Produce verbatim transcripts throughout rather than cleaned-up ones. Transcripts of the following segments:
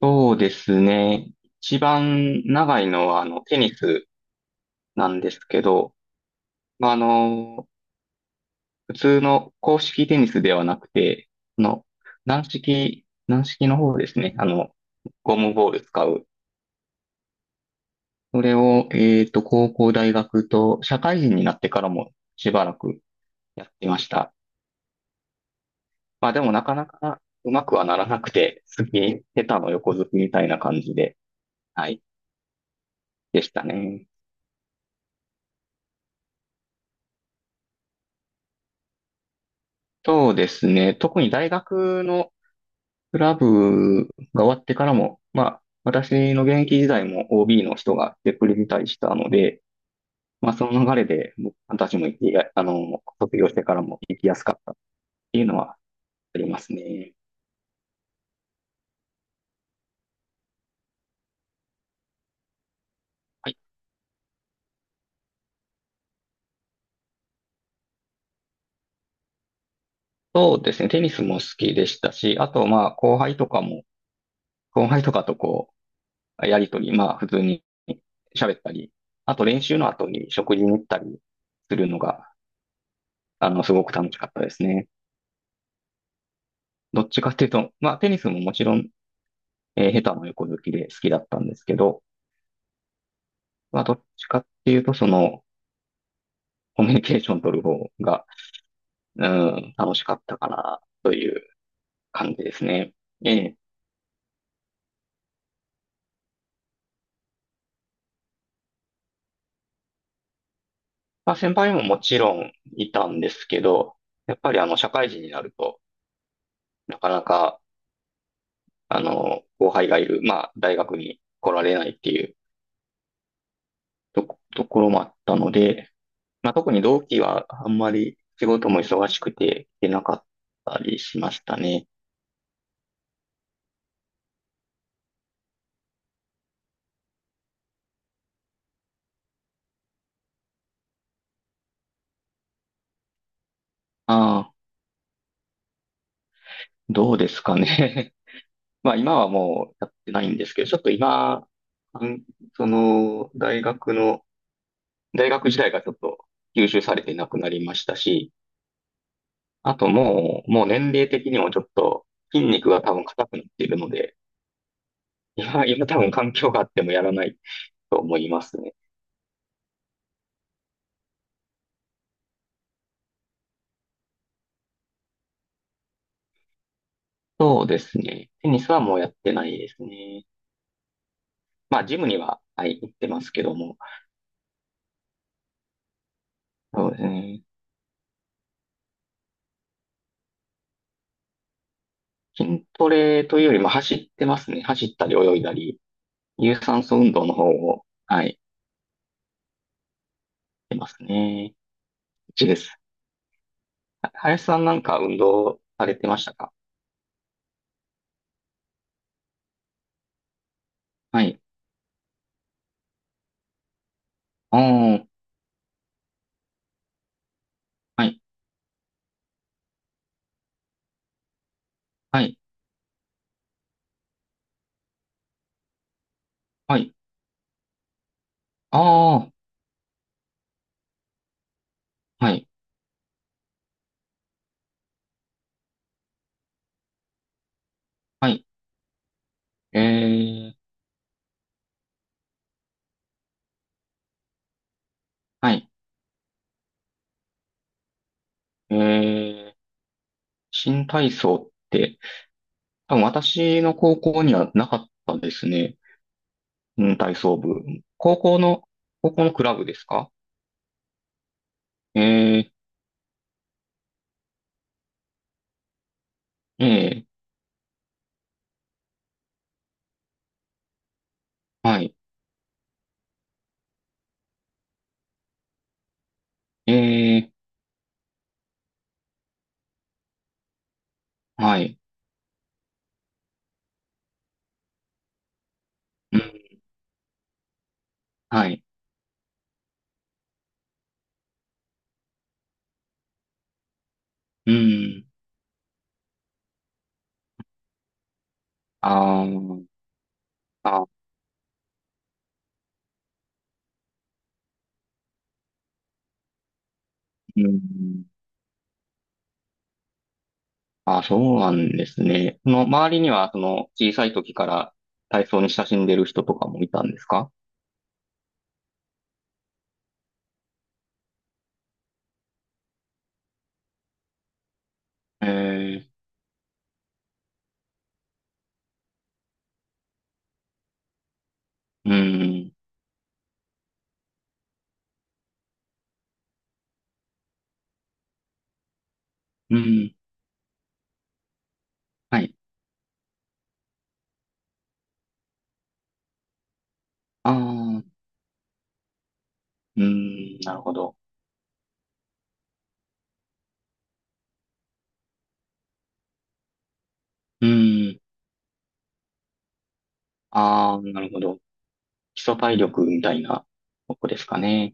そうですね。一番長いのは、あの、テニスなんですけど、まあ、あの、普通の公式テニスではなくて、あの、軟式、軟式の方ですね。あの、ゴムボール使う。それを、えっと、高校、大学と、社会人になってからもしばらくやってました。まあ、でもなかなかうまくはならなくて、好き、下手の横好きみたいな感じで、はい、でしたね。そうですね。特に大学のクラブが終わってからも、まあ、私の現役時代も オービー の人が来てくれたりしたので、まあ、その流れで僕たちも行きや、あの、卒業してからも行きやすかったっていうのはありますね。はい。そうですね。テニスも好きでしたし、あと、まあ、後輩とかも、後輩とかとこう、やりとり、まあ、普通に喋ったり、あと練習の後に食事に行ったりするのが、あの、すごく楽しかったですね。どっちかっていうと、まあ、テニスももちろんえー、下手も横好きで好きだったんですけど、まあ、どっちかっていうと、その、コミュニケーション取る方が、うん、楽しかったかな、という感じですね。ええ。まあ、先輩ももちろんいたんですけど、やっぱりあの、社会人になると、なかなか、あの、後輩がいる、まあ、大学に来られないっていうとこ、ところもあったので、まあ、特に同期はあんまり仕事も忙しくて、行けなかったりしましたね。ああ、どうですかね。まあ今はもうやってないんですけど、ちょっと今、うんその、大学の、大学時代がちょっと吸収されてなくなりましたし、あともう、もう年齢的にもちょっと筋肉が多分硬くなっているので、今、今多分環境があってもやらないと思いますね。そうですね。テニスはもうやってないですね。まあジムには、はい、行ってますけども、そうですね。筋トレというよりも走ってますね。走ったり泳いだり、有酸素運動の方を、はい、てますね。いちです。は林さんなんか運動されてましたか？はい。ああ、はい、はい、はい。ああ、はい、はい。えー、はい。えー、新体操って、多分私の高校にはなかったですね。うん、体操部。高校の、高校のクラブですか？えー、えー、はい、えー、はい、うん、はい、うん、あーあうん。あ、そうなんですね。その周りには、その小さい時から体操に親しんでる人とかもいたんですか？えー、うん、うん、はい。ああ、うん、なるほど。うん、ああ、なるほど。基礎体力みたいなとこですかね。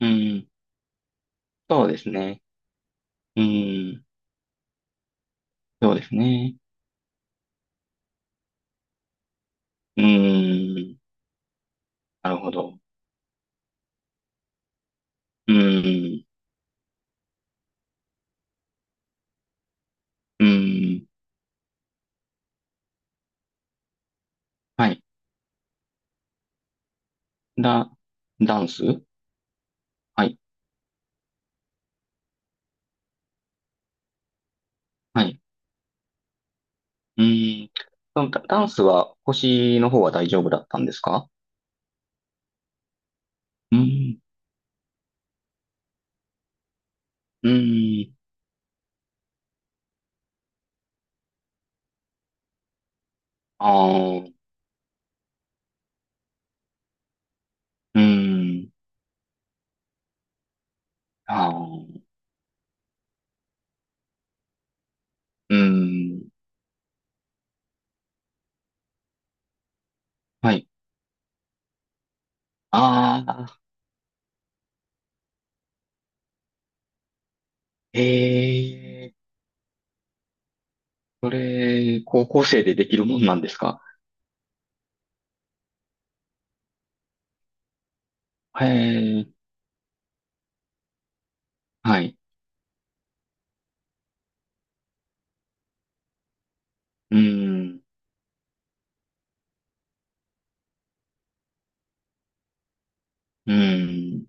うん、そうですね。うん、そうですね。うん、なるほど。うん、うん、はい。だ、ダンス、はい、はい。うん。そのダダンスは腰の方は大丈夫だったんですか？うん。うん。ああ、うん。ああ、うん。はい。ああ、ええ、それ、高校生でできるもんなんですか？へえ、はい。うん。うん。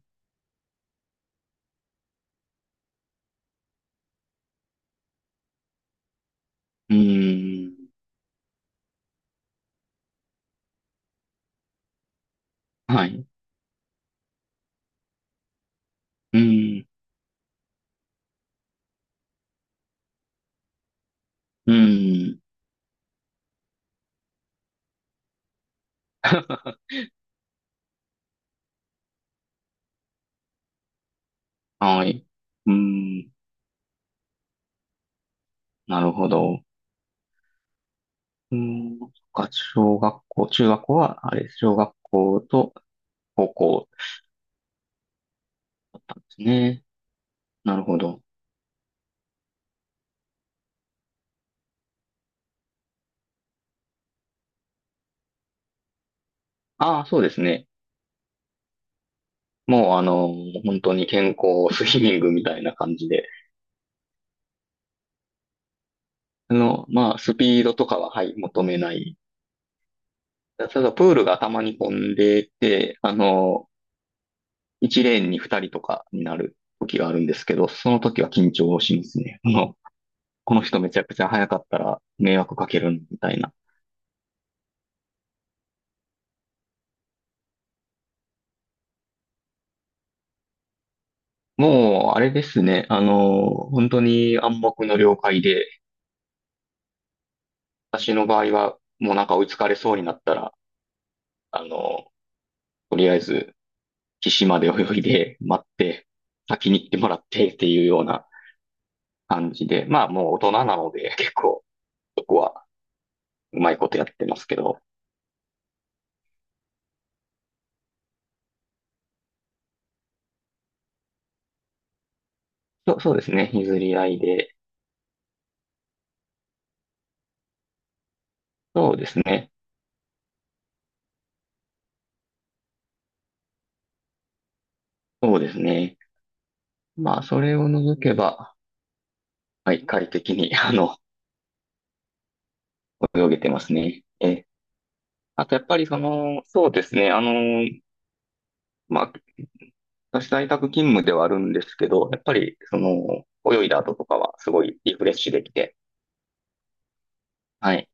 うん。はい。うん。うん。はい。うん。なるほど。うん。そっか、小学校、中学校は、あれ、小学校と、方向ですね。なるほど。ああ、そうですね。もうあの、本当に健康スイミングみたいな感じで。あの、まあ、スピードとかは、はい、求めない。ただ、プールがたまに混んでて、あの、いちレーンにふたりとかになる時があるんですけど、その時は緊張しますね。あの、この人めちゃくちゃ速かったら迷惑かけるみたいな。もう、あれですね。あの、本当に暗黙の了解で、私の場合は、もうなんか追いつかれそうになったら、あの、とりあえず、岸まで泳いで、待って、先に行ってもらってっていうような感じで、まあもう大人なので、結構、そこはうまいことやってますけど、そう、そうですね、譲り合いで、そうですね、そうですね。まあ、それを除けば、はい、快適に、あの、泳げてますね。え、あとやっぱりその、そうですね、あの、まあ、私在宅勤務ではあるんですけど、やっぱり、その、泳いだ後とかはすごいリフレッシュできて、はい。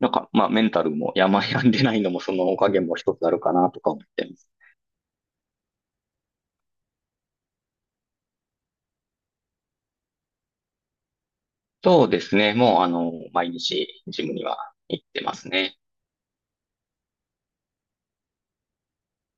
なんか、まあ、メンタルも病病んでないのもそのおかげも一つあるかなとか思ってます。そうですね。もう、あの、毎日ジムには行ってますね。